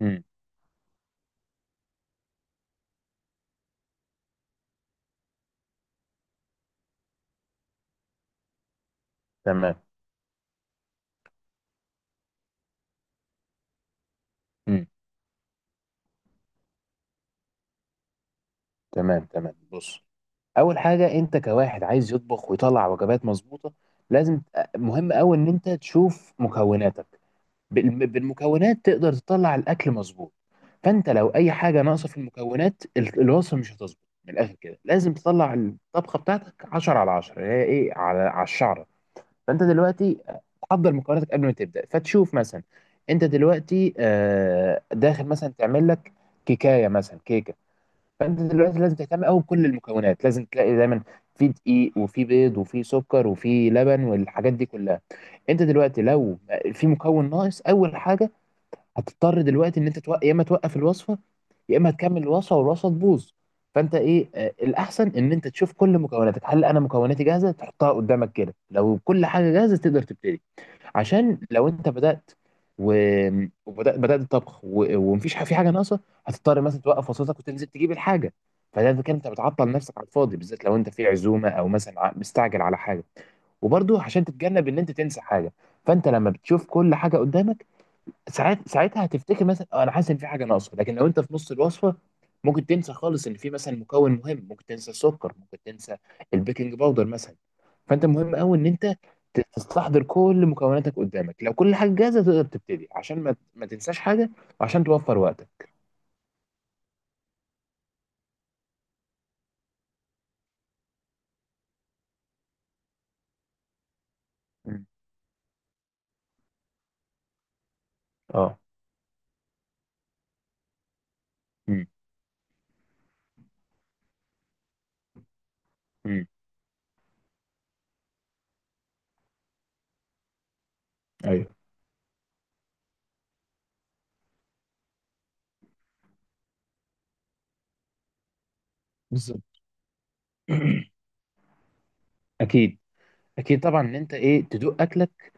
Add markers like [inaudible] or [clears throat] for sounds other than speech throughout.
امم تمام. امم تمام، تمام. بص، اول حاجه انت كواحد عايز يطبخ ويطلع وجبات مظبوطه، لازم. مهم قوي ان انت تشوف مكوناتك. بالمكونات تقدر تطلع الاكل مظبوط. فانت لو اي حاجه ناقصه في المكونات، الوصفه مش هتظبط. من الاخر كده لازم تطلع الطبخه بتاعتك 10 على 10، هي ايه، على الشعره. فانت دلوقتي تحضر مكوناتك قبل ما تبدا، فتشوف مثلا انت دلوقتي داخل مثلا تعمل لك كيكايه، مثلا كيكه. فانت دلوقتي لازم تهتم قوي بكل المكونات، لازم تلاقي دايما في دقيق وفي بيض وفي سكر وفي لبن والحاجات دي كلها. انت دلوقتي لو في مكون ناقص، اول حاجه هتضطر دلوقتي ان انت يا اما توقف الوصفه، يا اما تكمل الوصفه والوصفه تبوظ. فانت ايه، الاحسن ان انت تشوف كل مكوناتك، هل انا مكوناتي جاهزه، تحطها قدامك كده، لو كل حاجه جاهزه تقدر تبتدي. عشان لو انت بدات وبدات الطبخ ومفيش في حاجه ناقصه، هتضطر مثلا توقف وصلتك وتنزل تجيب الحاجه. فده كده انت بتعطل نفسك على الفاضي، بالذات لو انت في عزومه او مثلا مستعجل على حاجه. وبرضه عشان تتجنب ان انت تنسى حاجه، فانت لما بتشوف كل حاجه قدامك، ساعات ساعتها هتفتكر مثلا، انا حاسس ان في حاجه ناقصه. لكن لو انت في نص الوصفه ممكن تنسى خالص ان في مثلا مكون مهم، ممكن تنسى السكر، ممكن تنسى البيكنج باودر مثلا. فانت مهم قوي ان انت تستحضر كل مكوناتك قدامك، لو كل حاجه جاهزه تقدر تبتدي، عشان ما تنساش حاجه، وعشان توفر وقتك. مم. اه. امم. امم، ايوه، بالظبط. [clears throat] اكيد. اكيد طبعا ان انت ايه تدوق اكلك.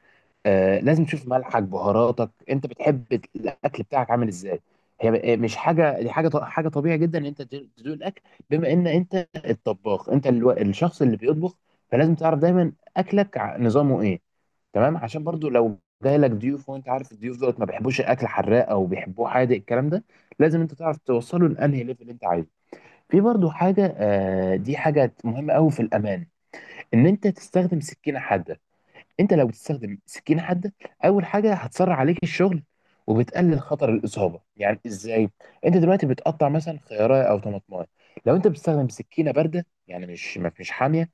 لازم تشوف ملحك، بهاراتك، انت بتحب الاكل بتاعك عامل ازاي. هي مش حاجه، دي حاجه طبيعي جدا ان انت تدوق الاكل. بما ان انت الطباخ، انت الشخص اللي بيطبخ، فلازم تعرف دايما اكلك نظامه ايه. تمام. عشان برضو لو جاي لك ضيوف، وانت عارف الضيوف دول ما بيحبوش الاكل حراق او بيحبوه حادق، الكلام ده لازم انت تعرف توصله لانهي ليفل انت عايزه. في برضو حاجه، دي حاجه مهمه قوي في الامان، ان انت تستخدم سكينه حاده. انت لو بتستخدم سكينه حاده، اول حاجه هتسرع عليك الشغل، وبتقلل خطر الاصابه. يعني ازاي؟ انت دلوقتي بتقطع مثلا خياره او طماطمايه، لو انت بتستخدم سكينه بارده يعني مش مش حاميه،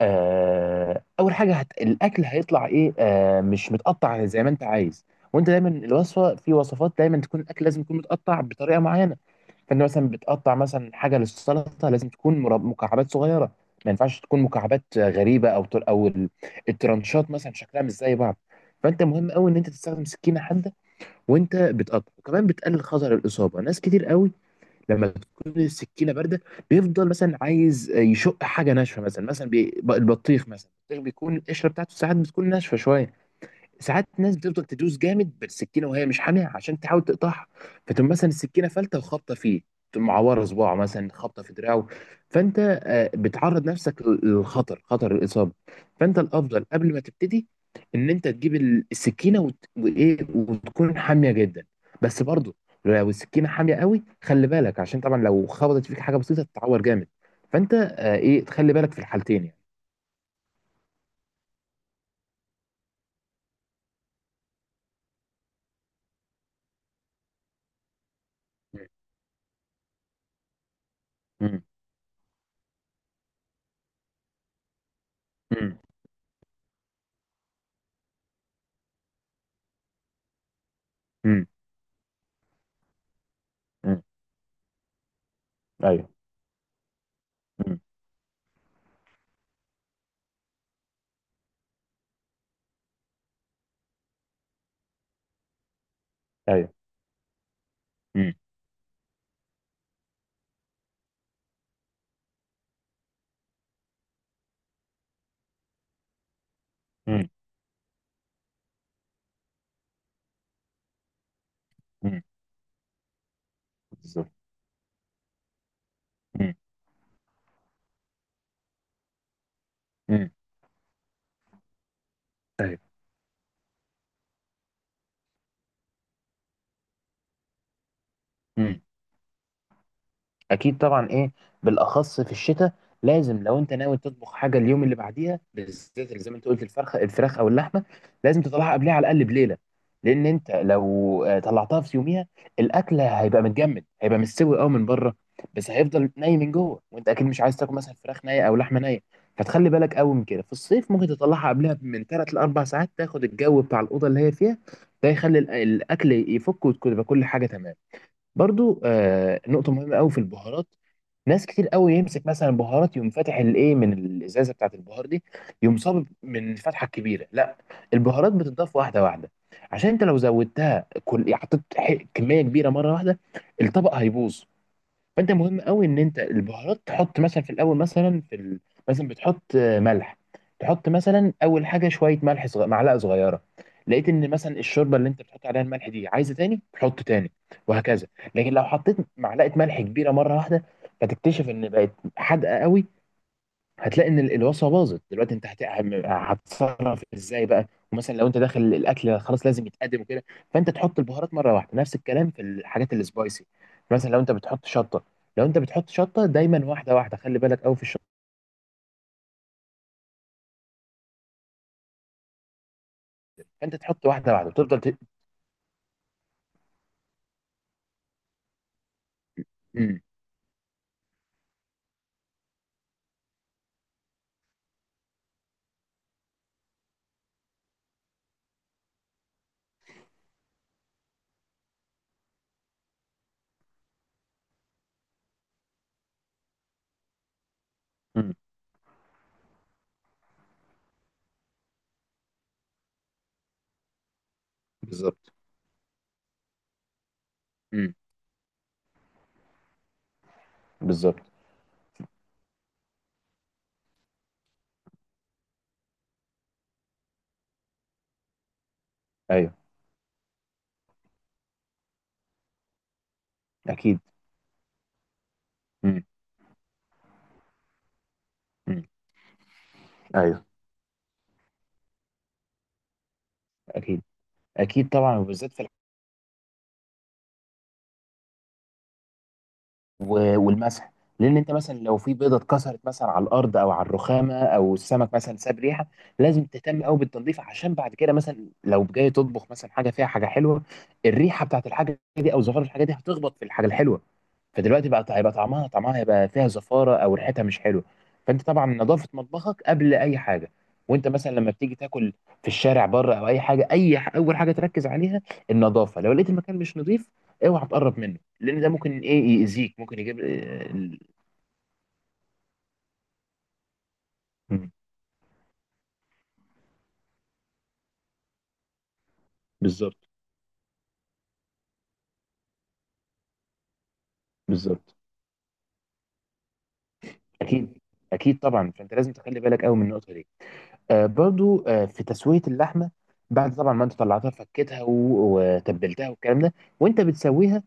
اول حاجه الاكل هيطلع ايه مش متقطع زي ما انت عايز. وانت دايما الوصفه، في وصفات دايما تكون الاكل لازم يكون متقطع بطريقه معينه. فانت مثلا بتقطع مثلا حاجه للسلطه، لازم تكون مكعبات صغيره. ما ينفعش تكون مكعبات غريبه، او او الترانشات مثلا شكلها مش زي بعض. فانت مهم قوي ان انت تستخدم سكينه حاده وانت بتقطع، وكمان بتقلل خطر الاصابه. ناس كتير قوي لما تكون السكينه بارده، بيفضل مثلا عايز يشق حاجه ناشفه، مثلا البطيخ مثلا، البطيخ بيكون القشره بتاعته ساعات بتكون ناشفه شويه، ساعات ناس بتفضل تدوس جامد بالسكينه وهي مش حاميه عشان تحاول تقطعها، فتقوم مثلا السكينه فلته وخابطه فيه، تقوم معوره صباعه مثلا، خابطه في دراعه. فانت بتعرض نفسك للخطر، خطر الاصابه. فانت الافضل قبل ما تبتدي ان انت تجيب السكينه وايه، وتكون حاميه جدا. بس برضو لو السكينه حاميه قوي، خلي بالك، عشان طبعا لو خبطت فيك حاجه بسيطه تتعور جامد. فانت ايه، تخلي بالك في الحالتين يعني. امم. امم. امم، ايوه. مم. ايوه. مم. مم. مم. بالظبط. مم. مم. طيب. مم. اكيد طبعا ايه، بالاخص في الشتاء لازم، لو انت ناوي تطبخ حاجه اليوم اللي بعديها، بالذات اللي زي ما انت قلت الفراخ او اللحمه، لازم تطلعها قبلها على الاقل بليله. لان انت لو طلعتها في يوميها، الاكل هيبقى متجمد، هيبقى مستوي قوي من بره، بس هيفضل ني من جوه. وانت اكيد مش عايز تاكل مثلا فراخ نيه او لحمه نيه. فتخلي بالك قوي من كده. في الصيف ممكن تطلعها قبلها من 3 ل 4 ساعات، تاخد الجو بتاع الاوضه اللي هي فيها. ده يخلي الاكل يفك، وتكون يبقى كل حاجه تمام. برضو نقطة مهمة قوي في البهارات. ناس كتير قوي يمسك مثلا بهارات، يقوم فاتح الايه من الازازة بتاعت البهار دي، يقوم صاب من الفتحة الكبيرة. لا، البهارات بتضاف واحدة واحدة. عشان انت لو زودتها، كل حطيت كمية كبيرة مرة واحدة، الطبق هيبوظ. فانت مهم قوي ان انت البهارات تحط مثلا في الاول، مثلا مثلا بتحط ملح. تحط مثلا اول حاجه شويه ملح، معلقه صغيره. لقيت ان مثلا الشوربه اللي انت بتحط عليها الملح دي عايزه تاني، تحط تاني، وهكذا. لكن لو حطيت معلقه ملح كبيره مره واحده، فتكتشف ان بقت حادقه قوي، هتلاقي ان الوصفه باظت دلوقتي. انت هتتصرف ازاي بقى؟ ومثلا لو انت داخل الاكل خلاص لازم يتقدم وكده. فانت تحط البهارات مره واحده. نفس الكلام في الحاجات السبايسي، مثلا لو انت بتحط شطه، دايما واحده واحده، خلي بالك قوي في الشطه. فانت تحط واحده واحده وتفضل امم. امم، بالظبط. امم، بالظبط. ايوه. اكيد. امم. امم، ايوه. اكيد. اكيد طبعا، وبالذات في والمسح. لان انت مثلا لو في بيضه اتكسرت مثلا على الارض او على الرخامه، او السمك مثلا ساب ريحه، لازم تهتم قوي بالتنظيف. عشان بعد كده مثلا لو جاي تطبخ مثلا حاجه فيها حاجه حلوه، الريحه بتاعت الحاجه دي او زفار الحاجه دي هتخبط في الحاجه الحلوه، فدلوقتي بقى هيبقى طعمها هيبقى فيها زفاره، او ريحتها مش حلوه. فانت طبعا نظافه مطبخك قبل اي حاجه. وانت مثلا لما بتيجي تاكل في الشارع بره او اي حاجه، اول حاجه تركز عليها النظافه. لو لقيت المكان مش نظيف، اوعى تقرب منه، لان ده ممكن ايه يأذيك، ممكن يجيب مم. بالظبط. بالظبط. اكيد. اكيد طبعا، فانت لازم تخلي بالك قوي من النقطه دي. برضو في تسويه اللحمه، بعد طبعا ما انت طلعتها، فكيتها وتبلتها والكلام ده، وانت بتسويها،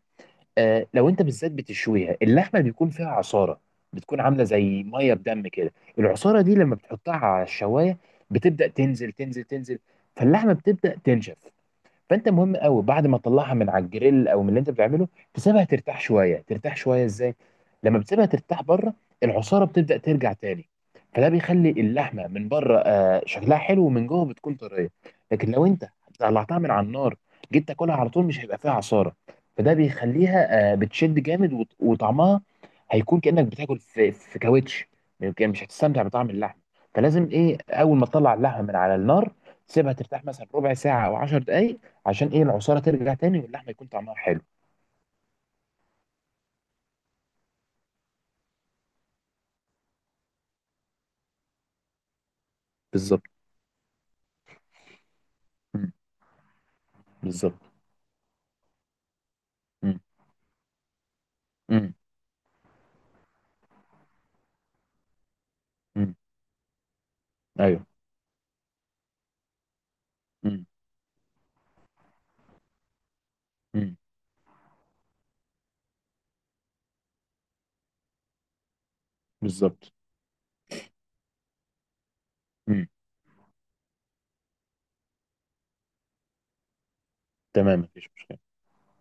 لو انت بالذات بتشويها، اللحمه بيكون فيها عصاره، بتكون عامله زي ميه بدم كده. العصاره دي لما بتحطها على الشوايه بتبدا تنزل تنزل تنزل، فاللحمه بتبدا تنشف. فانت مهم قوي بعد ما تطلعها من على الجريل او من اللي انت بتعمله، تسيبها ترتاح شويه. ترتاح شويه ازاي؟ لما بتسيبها ترتاح بره، العصاره بتبدا ترجع تاني، فده بيخلي اللحمه من بره شكلها حلو، ومن جوه بتكون طريه. لكن لو انت طلعتها من على النار، جيت تاكلها على طول، مش هيبقى فيها عصاره، فده بيخليها بتشد جامد، وطعمها هيكون كانك بتاكل في كاوتش، يمكن مش هتستمتع بطعم اللحمه. فلازم ايه، اول ما تطلع اللحمه من على النار تسيبها ترتاح مثلا ربع ساعه او 10 دقائق، عشان ايه، العصاره ترجع تاني واللحمه يكون طعمها حلو. بالظبط. مم. بالظبط. مم. مم. مم. ايوه. مم. مم. بالظبط. مم. تمام، مفيش مشكله.